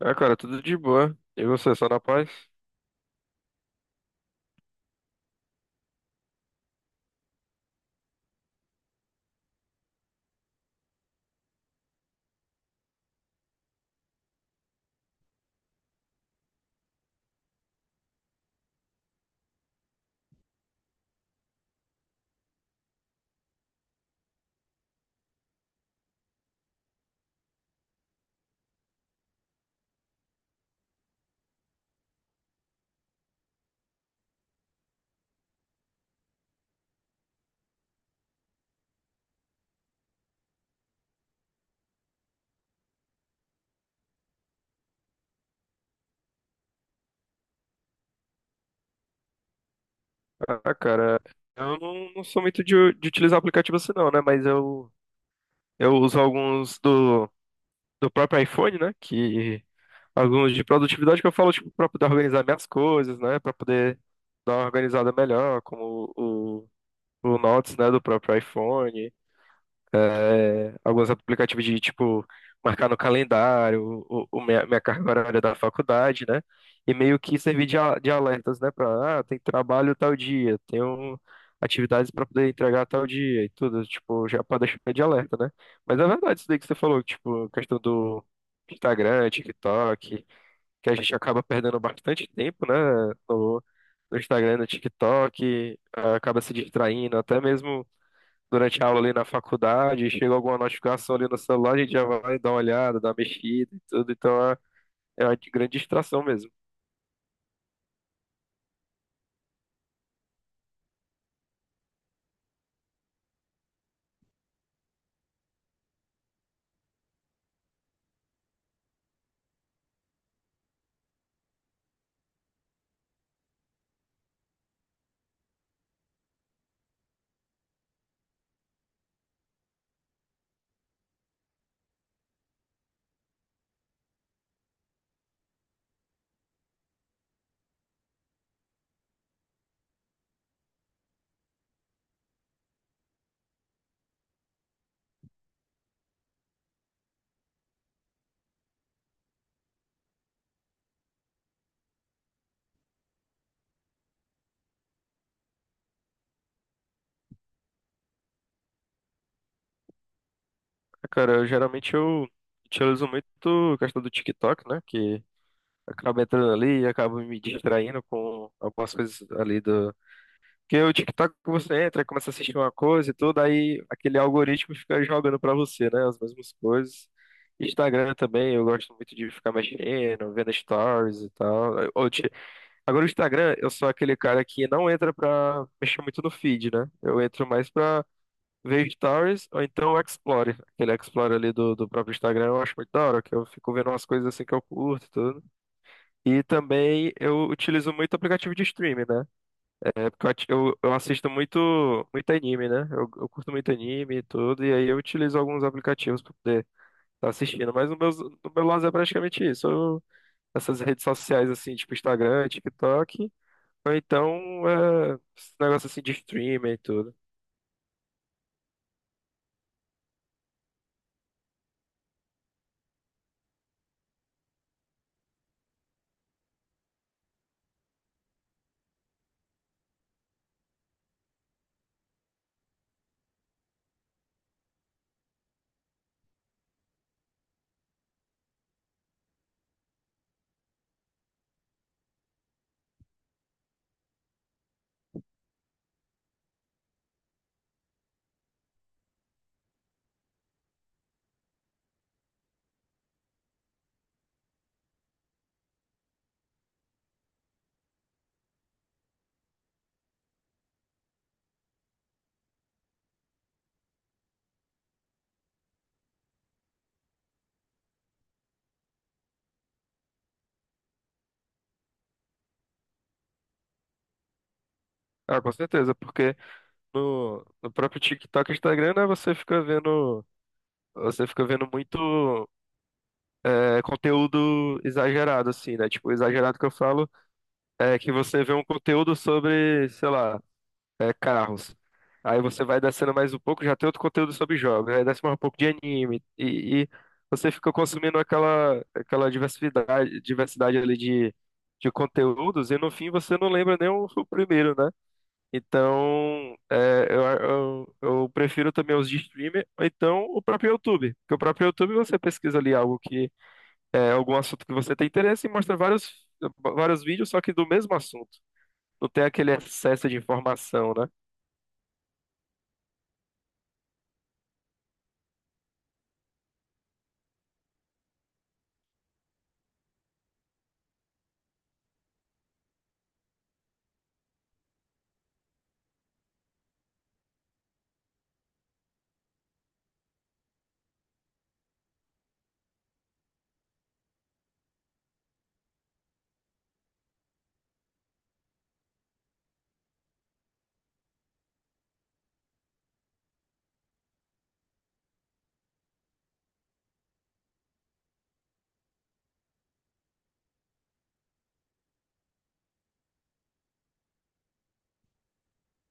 Ah, cara, tudo de boa. E você, só na paz? Ah, cara, eu não sou muito de, utilizar aplicativo assim não, né? Mas eu uso alguns do próprio iPhone, né? Que alguns de produtividade que eu falo, tipo, pra poder organizar minhas coisas, né? Pra poder dar uma organizada melhor, como o Notes, né? Do próprio iPhone. É, alguns aplicativos de tipo marcar no calendário o minha carga horária da faculdade, né? E meio que servir de, de alertas, né? Para, ah, tem trabalho tal dia, tenho atividades para poder entregar tal dia e tudo, tipo, já para deixar de alerta, né? Mas é verdade isso daí que você falou, tipo, questão do Instagram, TikTok, que a gente acaba perdendo bastante tempo, né? No, no Instagram, no TikTok, acaba se distraindo, até mesmo durante a aula ali na faculdade, chega alguma notificação ali no celular, a gente já vai dar uma olhada, dar uma mexida e tudo, então é, é uma grande distração mesmo. Ah, cara, eu, geralmente eu utilizo muito a questão do TikTok, né, que acaba entrando ali e acaba me distraindo com algumas coisas ali do... Porque o TikTok você entra, começa a assistir uma coisa e tudo, aí aquele algoritmo fica jogando pra você, né, as mesmas coisas. Instagram também, eu gosto muito de ficar mexendo, vendo stories e tal. Agora o Instagram, eu sou aquele cara que não entra pra mexer muito no feed, né? Eu entro mais pra ver stories ou então o Explore. Aquele Explore ali do próprio Instagram eu acho muito da hora, que eu fico vendo umas coisas assim que eu curto e tudo. E também eu utilizo muito aplicativo de streaming, né? É porque eu, eu assisto muito anime, né? Eu curto muito anime e tudo, e aí eu utilizo alguns aplicativos pra poder estar assistindo. Mas no meu, no meu lado é praticamente isso. Eu, essas redes sociais assim, tipo Instagram, TikTok. Ou então, é, esse negócio assim de streamer e tudo. Ah, com certeza, porque no próprio TikTok e Instagram, né, você fica vendo muito é, conteúdo exagerado, assim, né? Tipo, exagerado que eu falo é que você vê um conteúdo sobre, sei lá, é, carros. Aí você vai descendo mais um pouco, já tem outro conteúdo sobre jogos. Aí desce mais um pouco de anime. E você fica consumindo aquela diversidade, diversidade ali de conteúdos. E no fim você não lembra nem o primeiro, né? Então, é, eu prefiro também os de streamer. Ou então o próprio YouTube. Porque o próprio YouTube você pesquisa ali algo que é algum assunto que você tem interesse e mostra vários, vários vídeos, só que do mesmo assunto. Não tem aquele excesso de informação, né?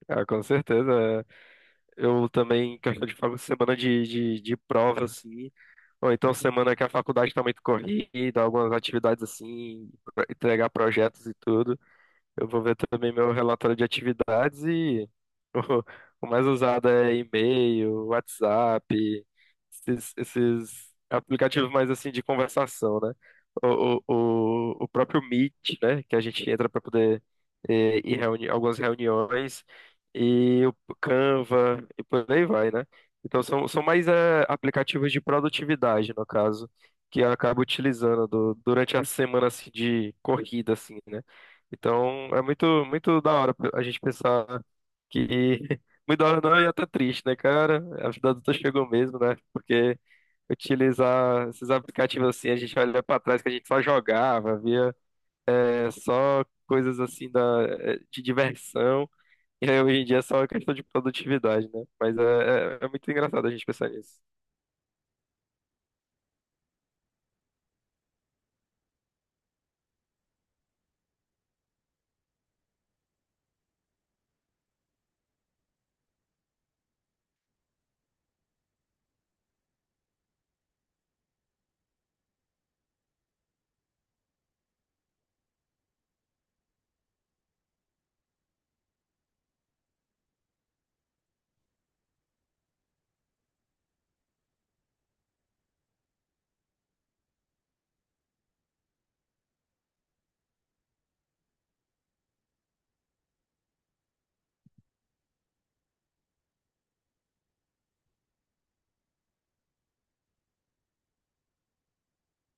Ah, com certeza. É. Eu também, em questão de semana de prova, assim, ou então semana que a faculdade está muito corrida, algumas atividades assim, pra entregar projetos e tudo. Eu vou ver também meu relatório de atividades e o mais usado é e-mail, WhatsApp, esses aplicativos mais assim de conversação, né? O, o, o próprio Meet, né? Que a gente entra para poder eh, ir reuni algumas reuniões e o Canva e por aí vai, né? Então são, são mais eh, aplicativos de produtividade, no caso, que eu acabo utilizando durante a semana assim, de corrida, assim, né? Então, é muito da hora a gente pensar que. Muito da hora não, e até triste, né, cara? A vida adulta chegou mesmo, né? Porque utilizar esses aplicativos assim, a gente olha pra trás que a gente só jogava, via é, só coisas assim da, é, de diversão. E aí, hoje em dia é só questão de produtividade, né? Mas é, é muito engraçado a gente pensar nisso.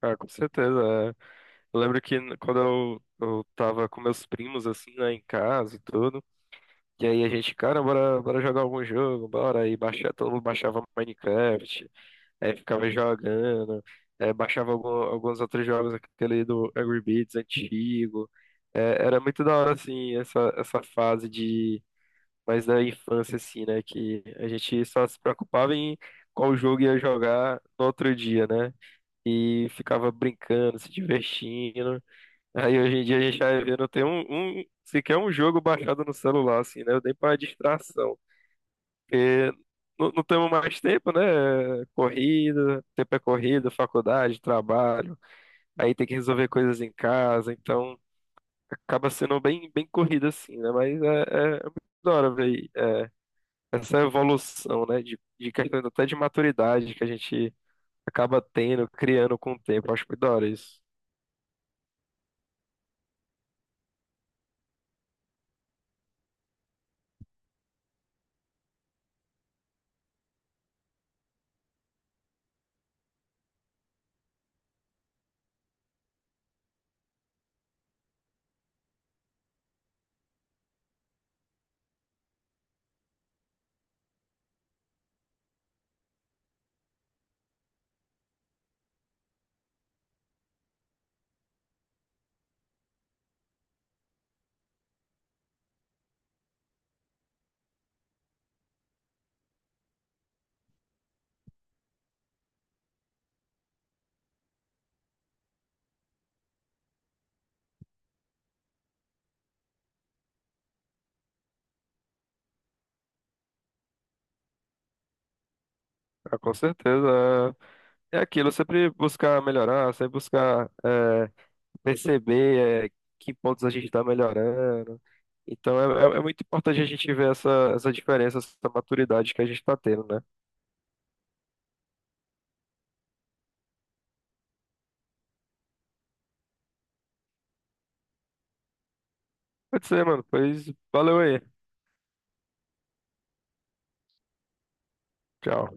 Ah, com certeza. É. Eu lembro que quando eu tava com meus primos, assim, né, em casa e tudo. E aí a gente, cara, bora, bora jogar algum jogo, bora. Aí baixa, todo mundo baixava Minecraft, aí ficava jogando, é, baixava alguns outros jogos, aquele do Angry Birds antigo. É, era muito da hora, assim, essa fase de mais da infância, assim, né? Que a gente só se preocupava em qual jogo ia jogar no outro dia, né? E ficava brincando, se divertindo. Aí hoje em dia a gente vai ver, não tem um, sequer um jogo baixado no celular, assim, né? Nem para distração. Porque não temos mais tempo, né? Corrida, tempo é corrida, faculdade, trabalho. Aí tem que resolver coisas em casa, então acaba sendo bem, bem corrido, assim, né? Mas é, é muito da hora ver é, essa evolução, né? De questão até de maturidade que a gente acaba tendo, criando com o tempo. Acho muito da hora isso. Ah, com certeza. É aquilo, sempre buscar melhorar, sempre buscar eh, perceber eh, que pontos a gente está melhorando. Então é, é muito importante a gente ver essa, essa diferença, essa maturidade que a gente está tendo, né? Pode ser, mano. Pois valeu aí. Tchau.